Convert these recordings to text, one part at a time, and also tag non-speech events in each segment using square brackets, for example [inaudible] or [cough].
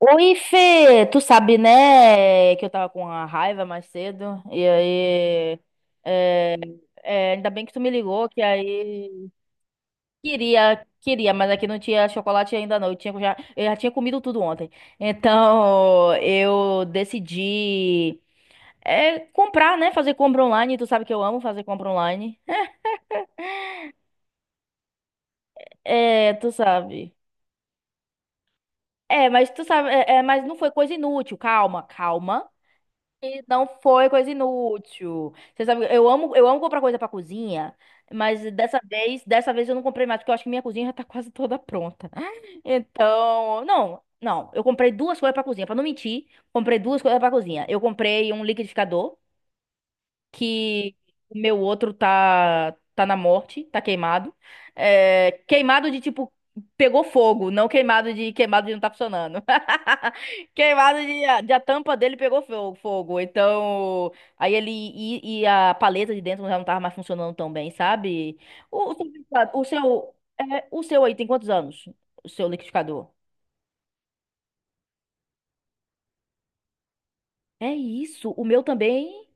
Oi, Fê, tu sabe, né, que eu tava com uma raiva mais cedo, e aí, é, ainda bem que tu me ligou, que aí, queria, queria, mas aqui não tinha chocolate ainda não, eu já tinha comido tudo ontem, então, eu decidi, comprar, né, fazer compra online, tu sabe que eu amo fazer compra online. [laughs] É, tu sabe... É, mas tu sabe, mas não foi coisa inútil. Calma, calma. E não foi coisa inútil. Você sabe, eu amo comprar coisa pra cozinha, mas dessa vez eu não comprei mais, porque eu acho que minha cozinha já tá quase toda pronta. [laughs] Então, não, não, eu comprei duas coisas pra cozinha, pra não mentir, comprei duas coisas pra cozinha. Eu comprei um liquidificador que o meu outro tá na morte, tá queimado. É, queimado de tipo pegou fogo, não queimado de queimado de não tá funcionando. [laughs] Queimado de a tampa dele pegou fogo. Então, aí ele e a paleta de dentro já não tava mais funcionando tão bem, sabe? O, o seu aí tem quantos anos? O seu liquidificador? É isso. O meu também.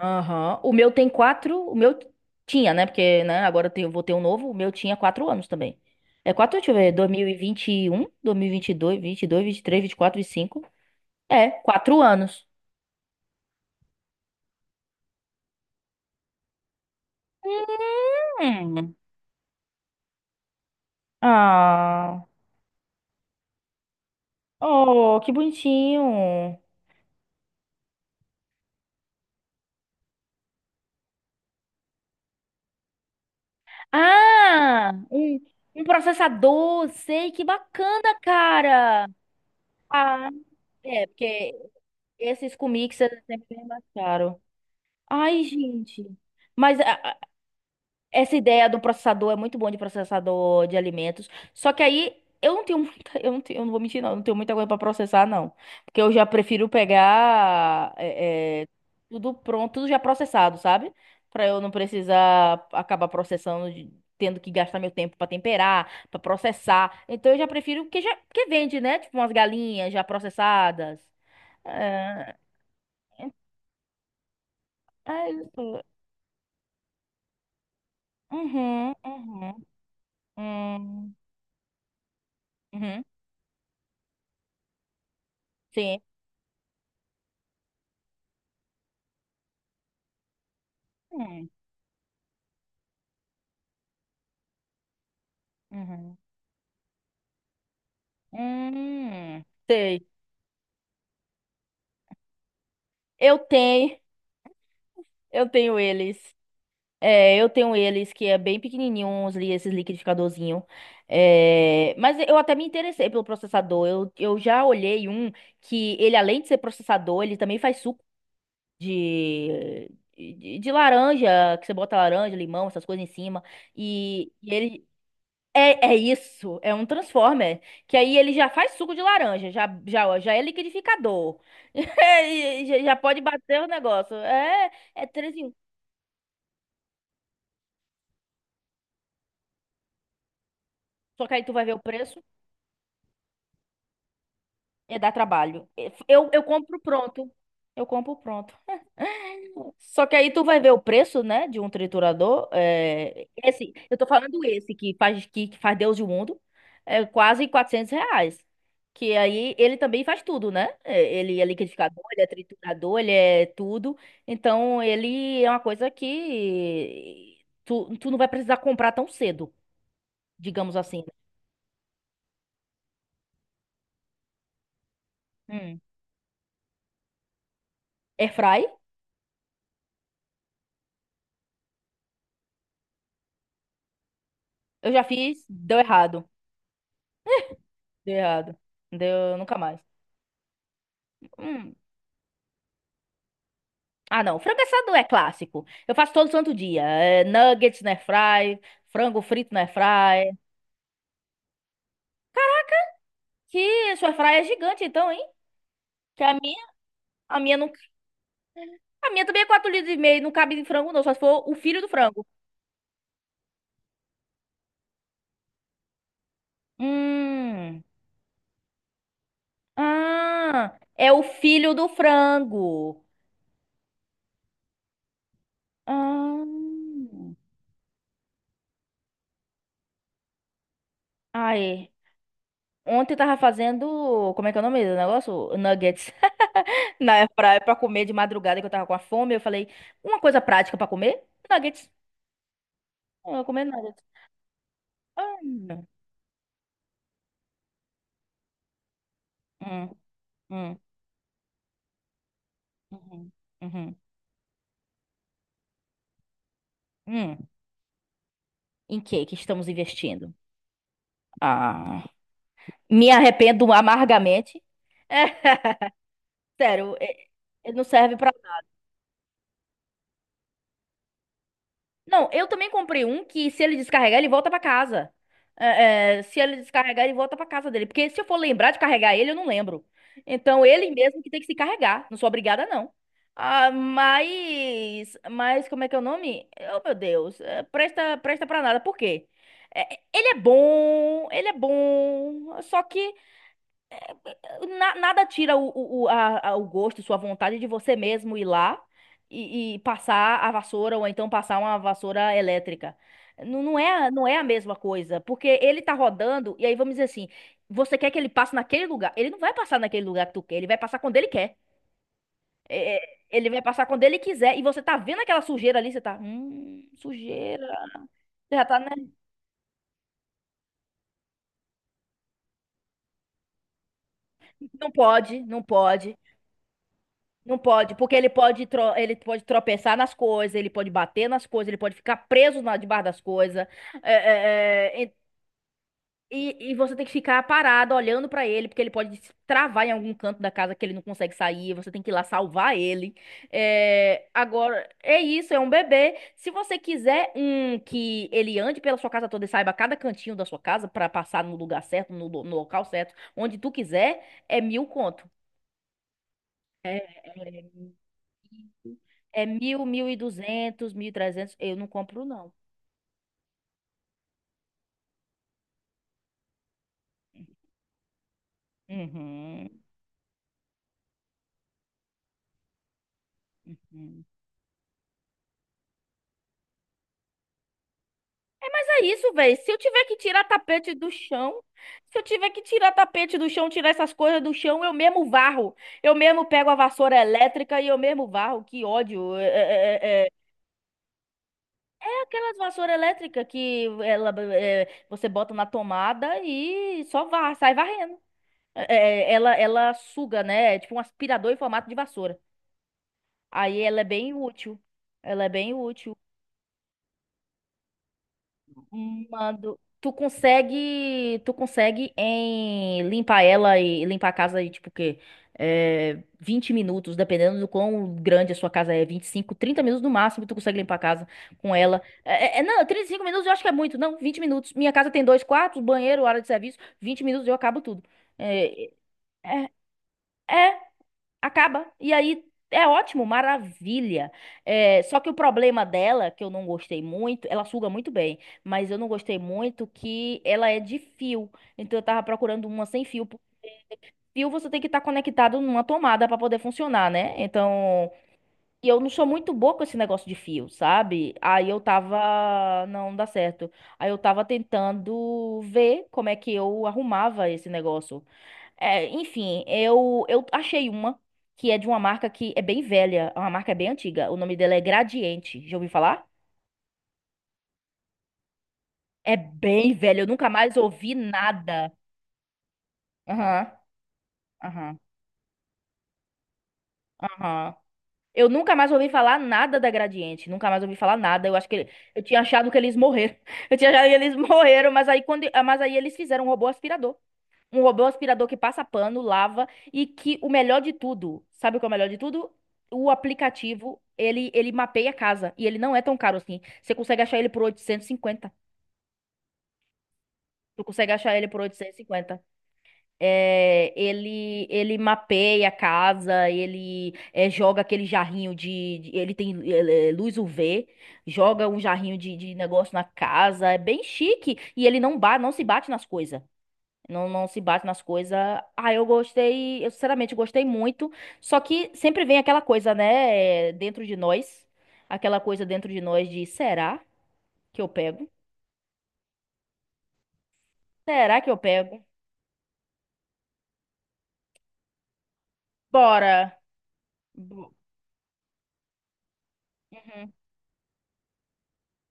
Aham. O meu tem quatro. O meu tinha, né? Porque, né, agora vou ter um novo. O meu tinha 4 anos também. É quatro, deixa eu ver. 2021, 2022, 22, 23, 24, cinco. É, 4 anos. Hum. Ah, oh, que bonitinho. Ah, um processador, sei, que bacana, cara. Ah, é, porque esses comics sempre bem mais caro. Ai, gente. Mas, a- Essa ideia do processador é muito bom de processador de alimentos. Só que aí eu não tenho [laughs] muita, eu não tenho, eu não vou mentir, não, eu não tenho muita coisa para processar, não. Porque eu já prefiro pegar tudo pronto, tudo já processado, sabe? Para eu não precisar acabar processando, tendo que gastar meu tempo para temperar, para processar. Então eu já prefiro que já que vende, né? Tipo umas galinhas já processadas. É, é é isso. Uhum, uhum, hum, uhum, sim. Hum. Uhum. Hum, sei. Eu tenho, eu tenho eles. É, eu tenho eles que é bem pequenininho, uns, esses liquidificadorzinho. É, mas eu até me interessei pelo processador. Eu já olhei um que ele, além de ser processador, ele também faz suco de, de laranja, que você bota laranja, limão, essas coisas em cima. E, e ele, É, é isso, é um Transformer. Que aí ele já faz suco de laranja, já, já, já é liquidificador. [laughs] E já, já pode bater o negócio. É, é 3 em 1. Só que aí tu vai ver o preço, é dar trabalho. Eu compro pronto. Eu compro pronto. Só que aí tu vai ver o preço, né, de um triturador. É, eu tô falando esse que faz, que faz Deus do mundo, é quase 400 reais. Que aí ele também faz tudo, né? É, ele é liquidificador, ele é triturador, ele é tudo. Então ele é uma coisa que tu não vai precisar comprar tão cedo, digamos assim. Hum. Airfry, eu já fiz, deu errado. Deu errado. Deu nunca mais. Hum, Ah, não. Frango assado é clássico. Eu faço todo santo dia. É, nuggets na airfry, frango frito na airfry. Que sua airfry é gigante, então, hein? Que a minha não, a minha também é 4,5 litros, não cabe em frango não, só se for o filho do frango. Hum. Ah, é o filho do frango. Ah. Ai, ontem eu tava fazendo, como é que é o nome do negócio? Nuggets [laughs] na airfryer pra comer de madrugada que eu tava com a fome, eu falei, uma coisa prática pra comer? Nuggets. Eu não comer nada. Ah, hum, uhum, uhum, hum. Em que estamos investindo? Ah, me arrependo amargamente. [laughs] Sério, não serve pra. Não, eu também comprei um que se ele descarregar, ele volta pra casa. É, é, se ele descarregar, ele volta pra casa dele. Porque se eu for lembrar de carregar ele, eu não lembro. Então, ele mesmo que tem que se carregar. Não sou obrigada, não. Mas como é que é o nome? Oh, meu Deus. É, presta, presta pra nada. Por quê? É, ele é bom, ele é bom. Só que nada tira o gosto, sua vontade de você mesmo ir lá e passar a vassoura ou então passar uma vassoura elétrica. Não, não é a mesma coisa, porque ele tá rodando e aí vamos dizer assim, você quer que ele passe naquele lugar? Ele não vai passar naquele lugar que tu quer, ele vai passar quando ele quer. É, é, ele vai passar quando ele quiser e você tá vendo aquela sujeira ali, você tá, sujeira. Você já tá, né? Não pode, não pode. Não pode, porque ele pode, ele pode tropeçar nas coisas, ele pode bater nas coisas, ele pode ficar preso na, debaixo das coisas. É, é, é, e você tem que ficar parado olhando pra ele, porque ele pode se travar em algum canto da casa que ele não consegue sair. Você tem que ir lá salvar ele. É, agora, é isso, é um bebê. Se você quiser um que ele ande pela sua casa toda e saiba cada cantinho da sua casa pra passar no lugar certo, no local certo, onde tu quiser, é mil conto. É, é é mil, 1.200, 1.300. Eu não compro, não. Uhum, uhum. Mas é isso, velho. Se eu tiver que tirar tapete do chão, se eu tiver que tirar tapete do chão, tirar essas coisas do chão, eu mesmo varro. Eu mesmo pego a vassoura elétrica e eu mesmo varro. Que ódio. É, é, é, é. É aquelas vassouras elétricas que ela, é, você bota na tomada e só varre, sai varrendo. É, é, ela suga, né? É tipo um aspirador em formato de vassoura. Aí ela é bem útil. Ela é bem útil. Mando. Tu consegue em limpar ela e limpar a casa e tipo o quê? É, 20 minutos, dependendo do quão grande a sua casa é, 25 30 minutos no máximo, tu consegue limpar a casa com ela. Não, 35 minutos eu acho que é muito, não, 20 minutos. Minha casa tem dois quartos, banheiro, área de serviço, 20 minutos eu acabo tudo. É, é, é acaba. E aí é ótimo, maravilha. É, só que o problema dela, que eu não gostei muito, ela suga muito bem, mas eu não gostei muito que ela é de fio. Então eu tava procurando uma sem fio. Por fio você tem que estar conectado numa tomada para poder funcionar, né? Então, e eu não sou muito boa com esse negócio de fio, sabe? Aí eu tava, não dá certo. Aí eu tava tentando ver como é que eu arrumava esse negócio. É, enfim, eu achei uma que é de uma marca que é bem velha, é uma marca bem antiga. O nome dela é Gradiente. Já ouviu falar? É bem velha, eu nunca mais ouvi nada. Aham, aham, aham. Eu nunca mais ouvi falar nada da Gradiente, nunca mais ouvi falar nada. Eu acho que eu tinha achado que eles morreram. [laughs] Eu tinha achado que eles morreram, mas aí quando, mas aí eles fizeram um robô aspirador. Um robô aspirador que passa pano, lava e que o melhor de tudo, sabe o que é o melhor de tudo? O aplicativo, ele mapeia a casa e ele não é tão caro assim. Você consegue achar ele por 850. Tu consegue achar ele por 850. É, ele mapeia a casa, joga aquele jarrinho ele tem ele é, luz UV, joga um jarrinho de negócio na casa, é bem chique e ele não se bate nas coisas. Não, não se bate nas coisas. Ah, eu gostei, eu sinceramente gostei muito. Só que sempre vem aquela coisa, né, é, dentro de nós. Aquela coisa dentro de nós de será que eu pego? Será que eu pego? Bora. Bo- Uhum.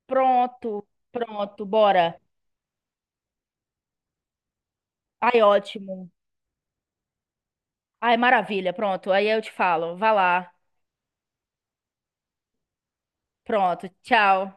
Pronto, pronto, bora. Ai, ótimo. Ai, maravilha, pronto. Aí eu te falo, vá lá. Pronto, tchau.